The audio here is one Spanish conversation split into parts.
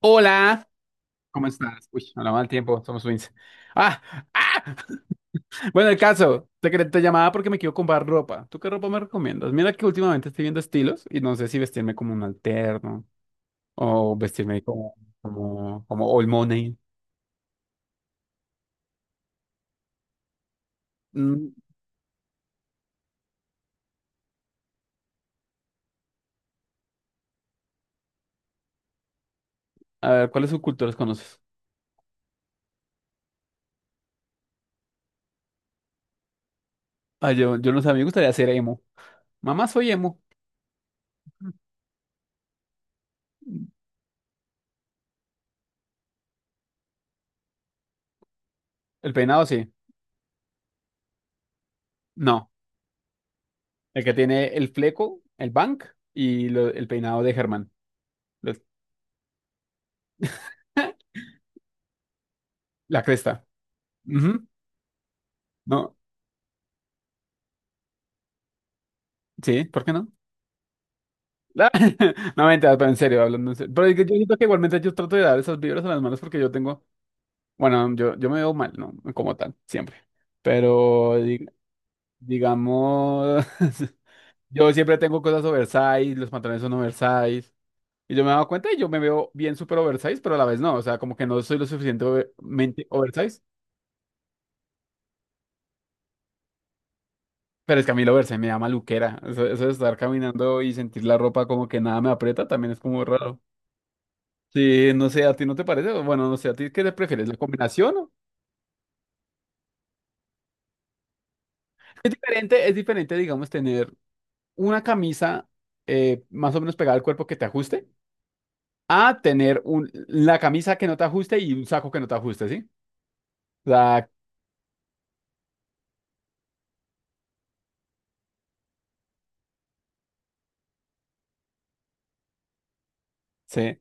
Hola, ¿cómo estás? Uy, hablamos al tiempo, somos twins. Ah, ah. Bueno, el caso, te llamaba porque me quiero comprar ropa. ¿Tú qué ropa me recomiendas? Mira que últimamente estoy viendo estilos y no sé si vestirme como un alterno o vestirme como old money. Mm, a ver, ¿cuáles subculturas conoces? Ah, yo no sé, a mí me gustaría ser emo. Mamá, soy emo. El peinado sí. No, el que tiene el fleco, el bank el peinado de Germán. Los- La cresta. No, sí, ¿por qué no? La- No, mentira, pero en serio, hablando en serio. Pero es que yo siento que igualmente yo trato de dar esas vibras a las manos porque yo tengo, bueno, yo me veo mal, ¿no? Como tal, siempre. Pero di- digamos, yo siempre tengo cosas oversize, los pantalones son oversize. Y yo me he dado cuenta y yo me veo bien súper oversize, pero a la vez no. O sea, como que no soy lo suficientemente oversize. Pero es que a mí lo oversize me da maluquera. Eso de estar caminando y sentir la ropa como que nada me aprieta también es como raro. Sí, no sé, ¿a ti no te parece? Bueno, no sé, ¿a ti qué te prefieres? ¿La combinación? O- es diferente, digamos, tener una camisa más o menos pegada al cuerpo que te ajuste, a tener un, la camisa que no te ajuste y un saco que no te ajuste, ¿sí? O sea, sí.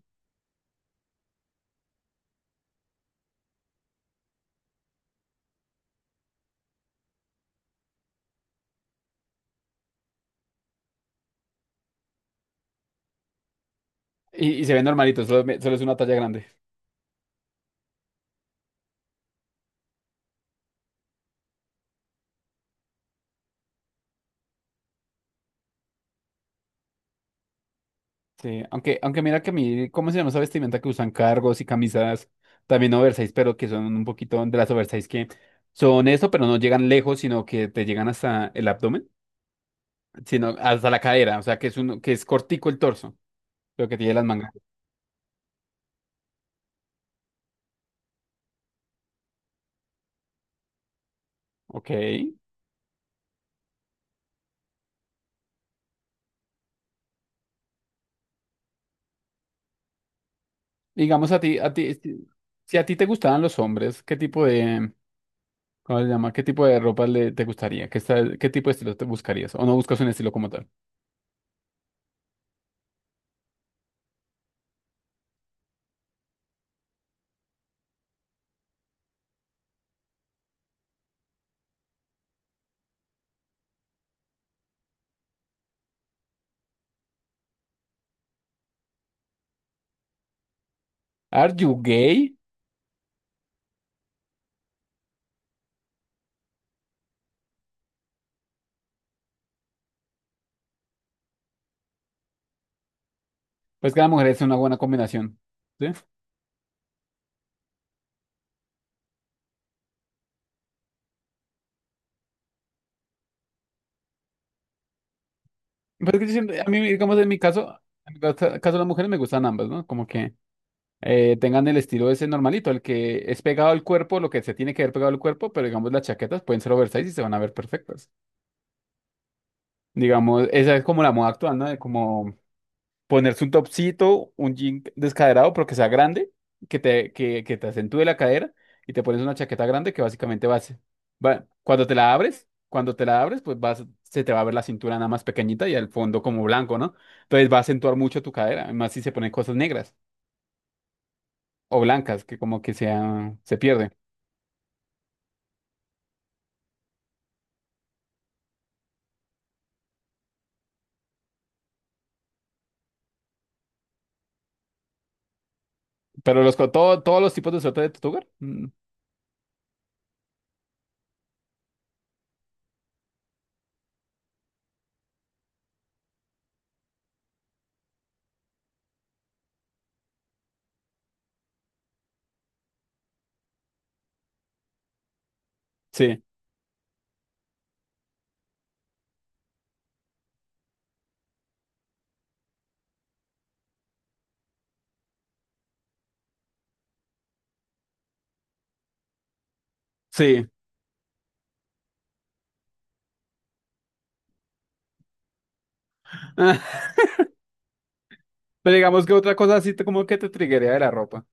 Y se ve normalito, solo es una talla grande. Sí, aunque, aunque mira que a mí, ¿cómo se llama esa vestimenta que usan cargos y camisas también oversize, pero que son un poquito de las oversize que son eso, pero no llegan lejos, sino que te llegan hasta el abdomen? Sino hasta la cadera, o sea, que es uno, que es cortico el torso, pero que tiene las mangas. Ok. Digamos si si a ti te gustaban los hombres, ¿qué tipo de, cómo se llama? ¿Qué tipo de ropa le, te gustaría? ¿Qué tipo de estilo te buscarías? ¿O no buscas un estilo como tal? ¿Are you gay? Pues que la mujer es una buena combinación, ¿sí? Pues que yo siempre- a mí, digamos, en mi caso, caso de las mujeres me gustan ambas, ¿no? Como que tengan el estilo ese normalito, el que es pegado al cuerpo, lo que se tiene que ver pegado al cuerpo, pero digamos las chaquetas pueden ser oversize y se van a ver perfectas. Digamos, esa es como la moda actual, ¿no? De como ponerse un topcito, un jean descaderado, pero que sea grande, que te acentúe la cadera y te pones una chaqueta grande que básicamente va a ser- va- cuando te la abres, pues vas, se te va a ver la cintura nada más pequeñita y al fondo como blanco, ¿no? Entonces va a acentuar mucho tu cadera, además si se ponen cosas negras o blancas, que como que sea, se pierde. Pero todos los tipos de suerte de tu hogar, sí, sí. Pero digamos que otra cosa así te- como que te triguería de la ropa.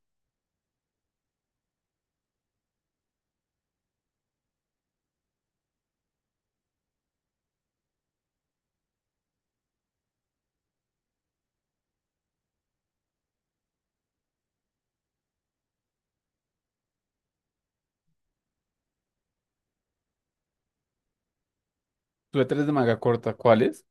Suéteres de manga corta, ¿cuáles?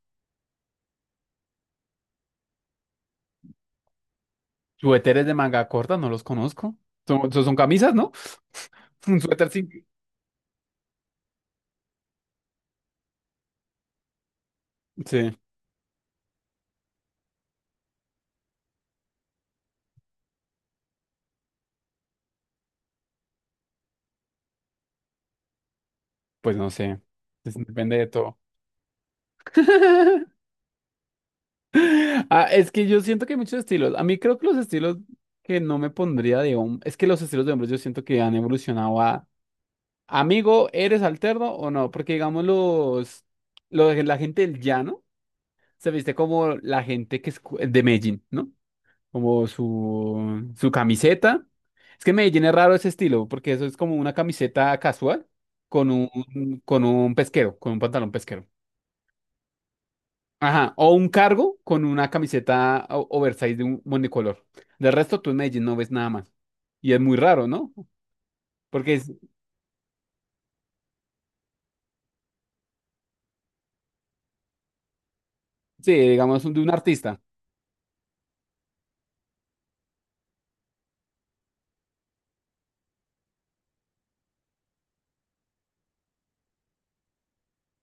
Suéteres de manga corta, no los conozco. Son camisas, ¿no? Un suéter sin... Sí, pues no sé. Es- Depende de todo. Ah, es que yo siento que hay muchos estilos. A mí creo que los estilos que no me pondría de hombre... Es que los estilos de hombres yo siento que han evolucionado a... Amigo, ¿eres alterno o no? Porque digamos los... la gente del llano se viste como la gente que es cu- de Medellín, ¿no? Como su camiseta. Es que en Medellín es raro ese estilo, porque eso es como una camiseta casual con un pesquero, con un pantalón pesquero. Ajá, o un cargo con una camiseta o- oversize de un monocolor. Del resto, tú en Medellín no ves nada más. Y es muy raro, ¿no? Porque es, sí, digamos, un- de un artista.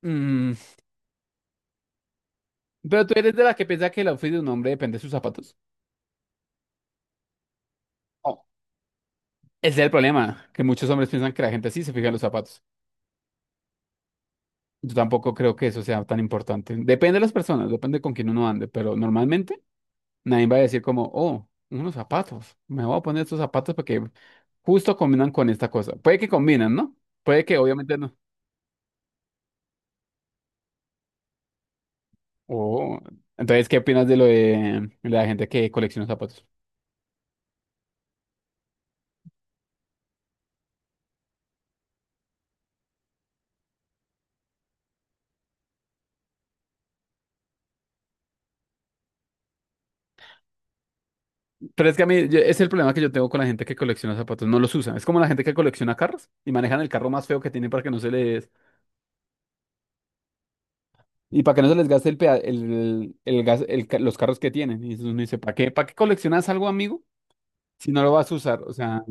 Mm, pero tú eres de la que piensa que el outfit de un hombre depende de sus zapatos. Oh, ese es el problema, que muchos hombres piensan que la gente sí se fija en los zapatos. Yo tampoco creo que eso sea tan importante. Depende de las personas, depende con quién uno ande, pero normalmente nadie va a decir como, oh, unos zapatos, me voy a poner estos zapatos porque justo combinan con esta cosa. Puede que combinan, ¿no? Puede que obviamente no. Oh, entonces, ¿qué opinas de la gente que colecciona zapatos? Pero es que a mí yo- es el problema que yo tengo con la gente que colecciona zapatos, no los usan. Es como la gente que colecciona carros y manejan el carro más feo que tienen para que no se les, y para que no se les gaste el gas, el ca- los carros que tienen. Y entonces uno dice, ¿para qué? ¿Para qué coleccionas algo, amigo? Si no lo vas a usar. O sea,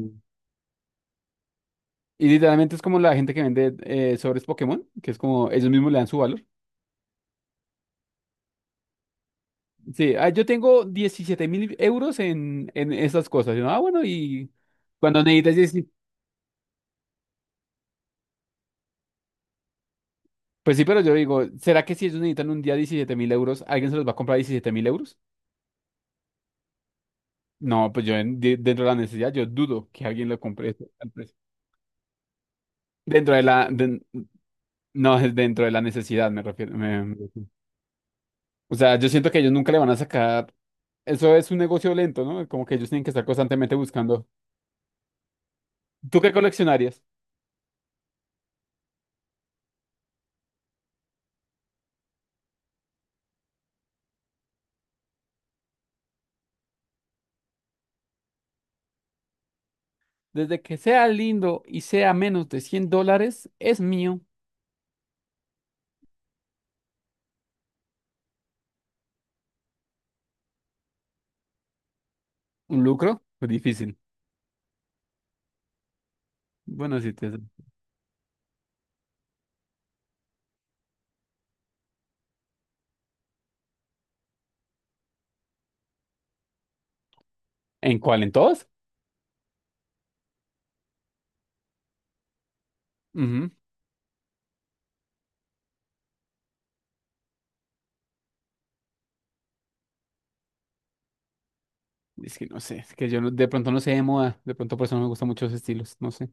y literalmente es como la gente que vende sobres Pokémon, que es como ellos mismos le dan su valor. Sí, ah, yo tengo 17.000 euros en esas cosas. Y uno, ah, bueno, y cuando necesitas, 10 pues sí, pero yo digo, ¿será que si ellos necesitan un día 17.000 euros, alguien se los va a comprar 17.000 euros? No, pues yo en- de- dentro de la necesidad, yo dudo que alguien lo compre ese- al precio. Dentro de la, den- No, es dentro de la necesidad, me refiero. Me refiero. O sea, yo siento que ellos nunca le van a sacar. Eso es un negocio lento, ¿no? Como que ellos tienen que estar constantemente buscando. ¿Tú qué coleccionarías? Desde que sea lindo y sea menos de 100 dólares, es mío. ¿Un lucro? Pues difícil. Bueno, sí, te... ¿En cuál? ¿En todos? Ujú. Es que no sé, es que yo no- de pronto no sé de moda. De pronto por eso no me gustan muchos estilos, no sé.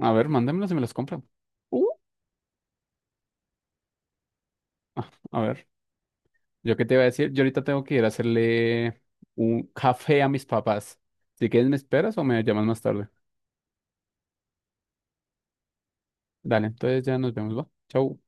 A ver, mándamelos y me los compro. Uh, ah, a ver. Yo qué te iba a decir, yo ahorita tengo que ir a hacerle un café a mis papás. Si quieres, ¿me esperas o me llamas más tarde? Dale, entonces ya nos vemos, ¿va? Chau.